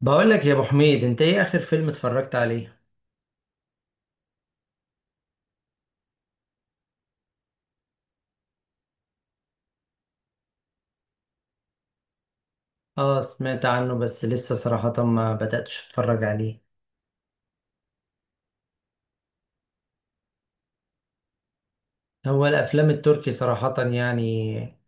بقول لك يا ابو حميد، انت ايه اخر فيلم اتفرجت عليه؟ اه، سمعت عنه بس لسه صراحة ما بدأتش اتفرج عليه. هو الافلام التركي صراحة يعني،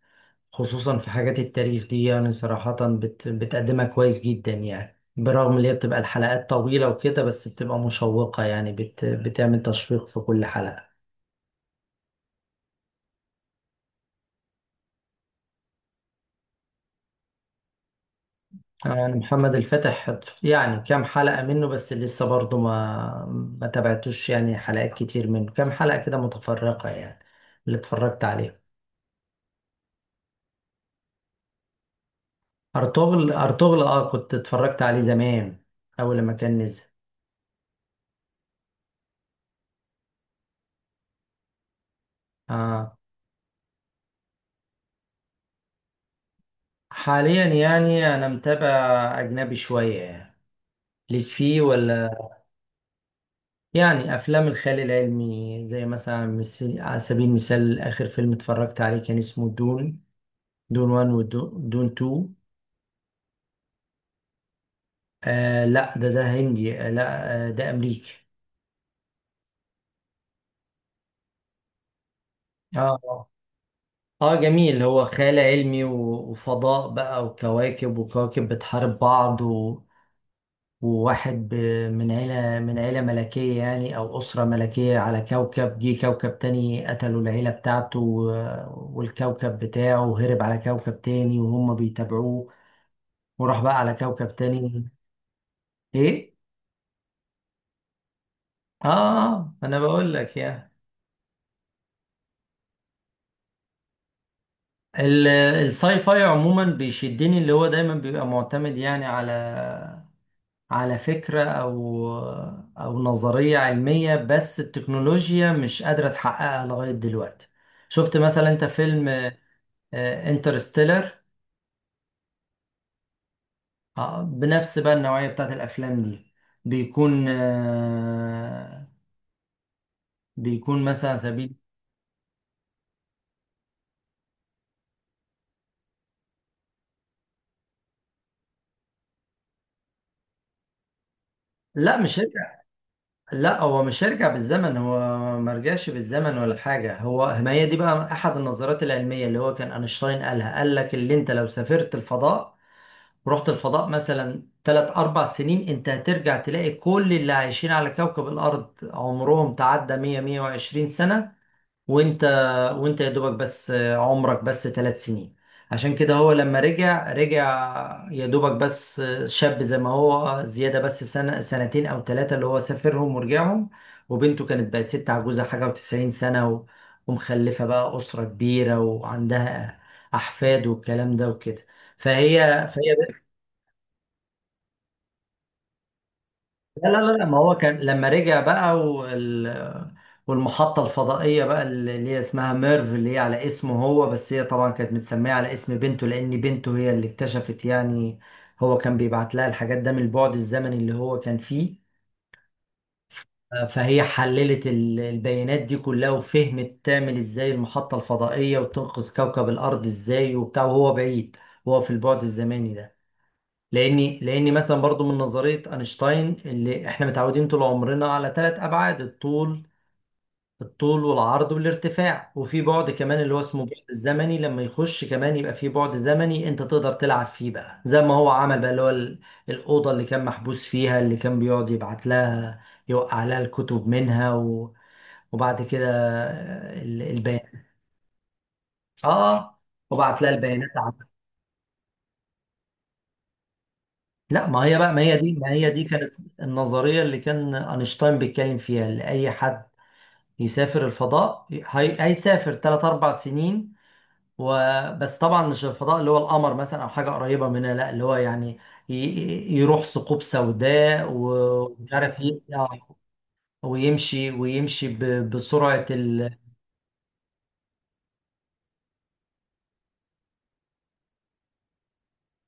خصوصا في حاجات التاريخ دي، يعني صراحة بتقدمها كويس جدا يعني، برغم اللي هي بتبقى الحلقات طويلة وكده، بس بتبقى مشوقة يعني، بتعمل تشويق في كل حلقة. يعني محمد الفتح يعني كام حلقة منه، بس لسه برضه ما تابعتوش يعني، حلقات كتير منه، كام حلقة كده متفرقة يعني اللي اتفرجت عليه. أرطغرل أرطغرل، اه كنت اتفرجت عليه زمان أول لما كان نزل. اه، حاليا يعني أنا متابع أجنبي شوية يعني. ليك فيه ولا؟ يعني أفلام الخيال العلمي، زي مثل على سبيل المثال، آخر فيلم اتفرجت عليه كان اسمه دون دون وان، ودون تو. آه لا، ده هندي. آه لا، آه، ده أمريكي. اه، اه. جميل. هو خيال علمي وفضاء بقى، وكواكب وكواكب بتحارب بعض وواحد ب... من عيلة ملكية يعني، أو أسرة ملكية على كوكب. جه كوكب تاني قتلوا العيلة بتاعته والكوكب بتاعه، وهرب على كوكب تاني وهم بيتابعوه، وراح بقى على كوكب تاني. إيه؟ آه آه، أنا بقول لك يعني. ال- الساي فاي عموما بيشدني، اللي هو دايما بيبقى معتمد يعني على فكرة، أو نظرية علمية، بس التكنولوجيا مش قادرة تحققها لغاية دلوقتي. شفت مثلا أنت فيلم انترستيلر؟ بنفس بقى النوعية بتاعت الأفلام دي، بيكون بيكون مثلا على سبيل. لا مش. لا هو مش هيرجع بالزمن، هو ما رجعش بالزمن ولا حاجة. هو ما هي دي بقى أحد النظريات العلمية اللي هو كان أينشتاين قالها، قال لك اللي أنت لو سافرت الفضاء ورحت الفضاء مثلا تلات أربع سنين، أنت هترجع تلاقي كل اللي عايشين على كوكب الأرض عمرهم تعدى 100 120 سنة. وانت وانت يا دوبك بس عمرك بس 3 سنين. عشان كده هو لما رجع، رجع يا دوبك بس شاب زي ما هو، زيادة بس سنة سنتين أو ثلاثة اللي هو سافرهم ورجعهم. وبنته كانت بقت ست عجوزة حاجة وتسعين سنة، ومخلفة بقى أسرة كبيرة، وعندها أحفاد والكلام ده وكده. فهي. لا لا لا. ما هو كان لما رجع بقى والمحطة الفضائية بقى اللي هي اسمها ميرف، اللي هي على اسمه هو، بس هي طبعا كانت متسمية على اسم بنته، لأن بنته هي اللي اكتشفت يعني. هو كان بيبعت لها الحاجات ده من البعد الزمني اللي هو كان فيه. فهي حللت البيانات دي كلها، وفهمت تعمل ازاي المحطة الفضائية، وتنقذ كوكب الأرض ازاي وبتاع، وهو بعيد، وهو في البعد الزمني ده. لاني مثلا برضو من نظريه اينشتاين، اللي احنا متعودين طول عمرنا على ثلاث ابعاد، الطول الطول والعرض والارتفاع، وفي بعد كمان اللي هو اسمه بعد الزمني. لما يخش كمان يبقى في بعد زمني انت تقدر تلعب فيه بقى، زي ما هو عمل بقى اللي هو الاوضه اللي كان محبوس فيها، اللي كان بيقعد يبعت لها، يوقع لها الكتب منها وبعد كده البيانات. اه، وبعت لها البيانات. لا، ما هي بقى، ما هي دي كانت النظرية اللي كان أينشتاين بيتكلم فيها، اللي أي حد يسافر الفضاء هيسافر تلات أربع سنين وبس. طبعا مش الفضاء اللي هو القمر مثلا أو حاجة قريبة منها، لا، اللي هو يعني يروح ثقوب سوداء، ومش عارف ويمشي ويمشي بسرعة ال...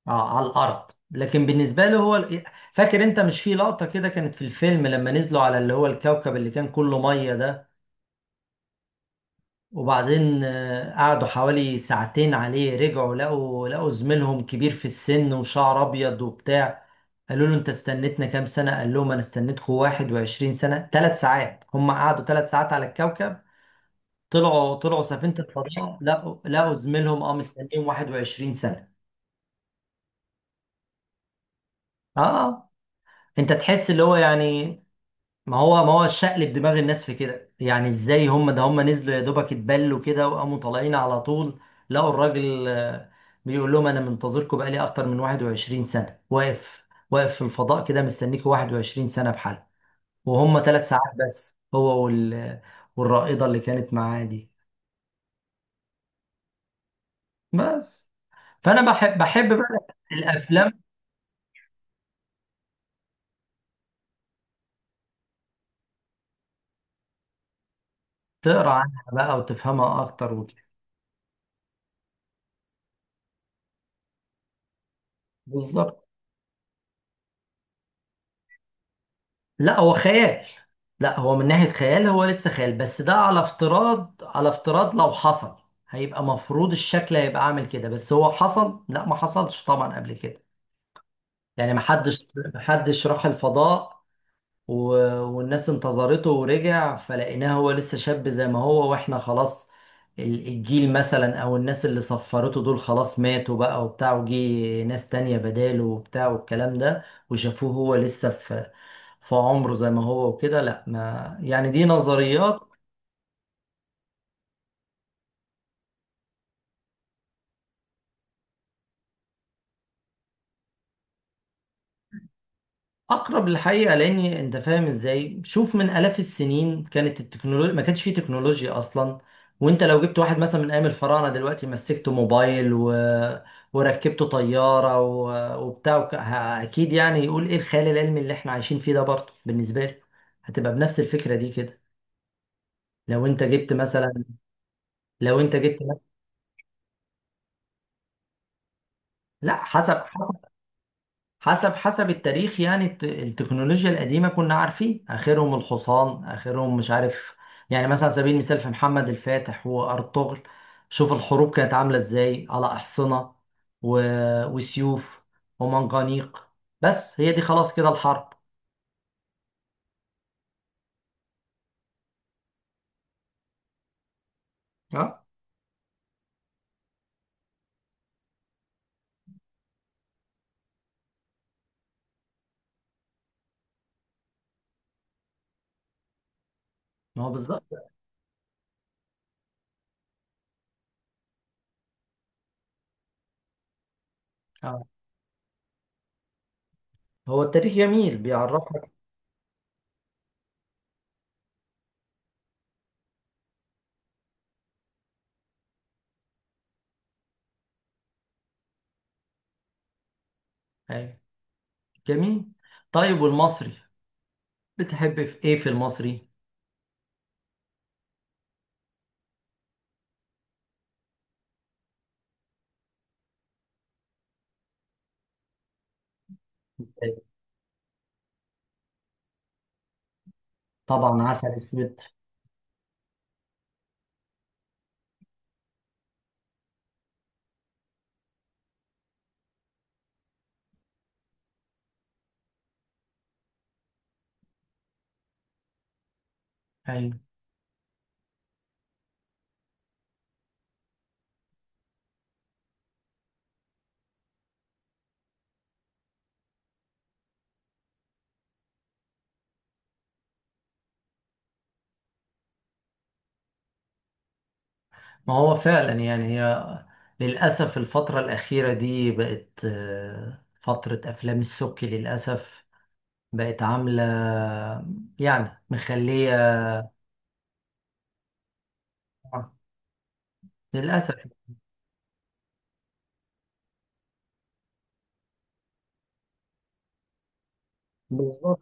آه، على الأرض. لكن بالنسبة له هو فاكر أنت مش في لقطة كده كانت في الفيلم لما نزلوا على اللي هو الكوكب اللي كان كله مية ده؟ وبعدين قعدوا حوالي ساعتين عليه، رجعوا لقوا لقوا زميلهم كبير في السن وشعر ابيض وبتاع. قالوا له انت استنيتنا كام سنة؟ قال لهم انا استنيتكم 21 سنة. ثلاث ساعات! هم قعدوا 3 ساعات على الكوكب، طلعوا طلعوا سفينة الفضاء، لقوا لقوا زميلهم، اه، مستنيهم 21 سنة. اه. انت تحس اللي هو يعني، ما هو شقلب دماغ الناس في كده يعني، ازاي هم ده؟ هم نزلوا يا دوبك اتبلوا كده وقاموا طالعين على طول، لقوا الراجل بيقول لهم انا منتظركم بقالي اكتر من 21 سنة، واقف واقف في الفضاء كده، مستنيكوا 21 سنة بحال، وهم ثلاث ساعات بس. هو والرائدة اللي كانت معاه دي، بس. فانا بحب بحب بقى الافلام، تقرا عنها بقى وتفهمها اكتر وكده. بالظبط. لا هو خيال. لا هو من ناحية خيال هو لسه خيال، بس ده على افتراض، على افتراض لو حصل هيبقى مفروض الشكل هيبقى عامل كده. بس هو حصل؟ لا ما حصلش طبعا قبل كده. يعني ما حدش ما حدش راح الفضاء و... والناس انتظرته ورجع فلقيناه هو لسه شاب زي ما هو، واحنا خلاص الجيل مثلا او الناس اللي صفرته دول خلاص ماتوا بقى وبتاع، وجي ناس تانية بداله وبتاع والكلام ده، وشافوه هو لسه في في عمره زي ما هو وكده. لا، ما يعني دي نظريات. اقرب للحقيقه. لان انت فاهم ازاي، شوف، من الاف السنين كانت التكنولوجيا، ما كانش فيه تكنولوجيا اصلا. وانت لو جبت واحد مثلا من ايام الفراعنه دلوقتي مسكته موبايل وركبته طياره وبتاع اكيد يعني يقول ايه الخيال العلمي اللي احنا عايشين فيه ده. برضه بالنسبه لي هتبقى بنفس الفكره دي كده. لو انت جبت مثلا لو انت جبت مثلا، لا، حسب التاريخ يعني التكنولوجيا القديمة كنا عارفين آخرهم الحصان، آخرهم مش عارف يعني. مثلا على سبيل المثال في محمد الفاتح وأرطغرل شوف الحروب كانت عاملة إزاي، على أحصنة و... وسيوف ومنجنيق. بس هي دي خلاص كده الحرب. اه، ما هو بالظبط. آه. هو التاريخ جميل بيعرفك. أيوة. جميل. طيب، والمصري بتحب في إيه في المصري؟ طبعا عسل أسود. أيوة. ما هو فعلا يعني هي للأسف الفترة الأخيرة دي بقت فترة أفلام السبكي للأسف. بقت عاملة يعني مخلية للأسف. بالظبط.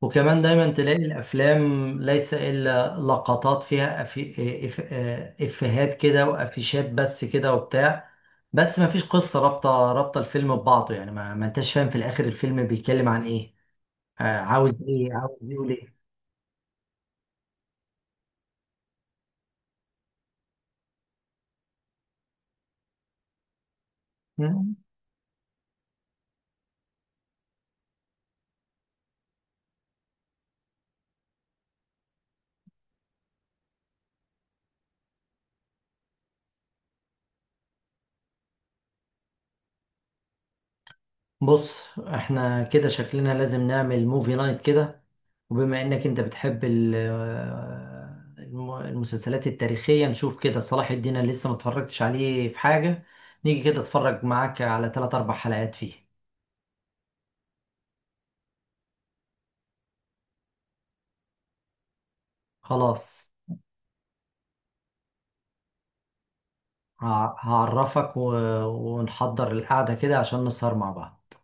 وكمان دايما تلاقي الأفلام ليس إلا لقطات فيها أفي... آه، إف... آه، إفيهات كده وأفيشات بس كده وبتاع. بس ما فيش قصة رابطة، رابطة الفيلم ببعضه يعني، ما أنتش فاهم في الآخر الفيلم بيتكلم عن إيه، عاوز إيه، عاوز إيه وليه. بص احنا كده شكلنا لازم نعمل موفي نايت كده. وبما انك انت بتحب المسلسلات التاريخية نشوف كده صلاح الدين، أنا لسه متفرجتش عليه في حاجة. نيجي كده اتفرج معاك على تلات أربع حلقات فيه. خلاص. هعرفك ونحضر القعدة كده عشان نسهر مع بعض.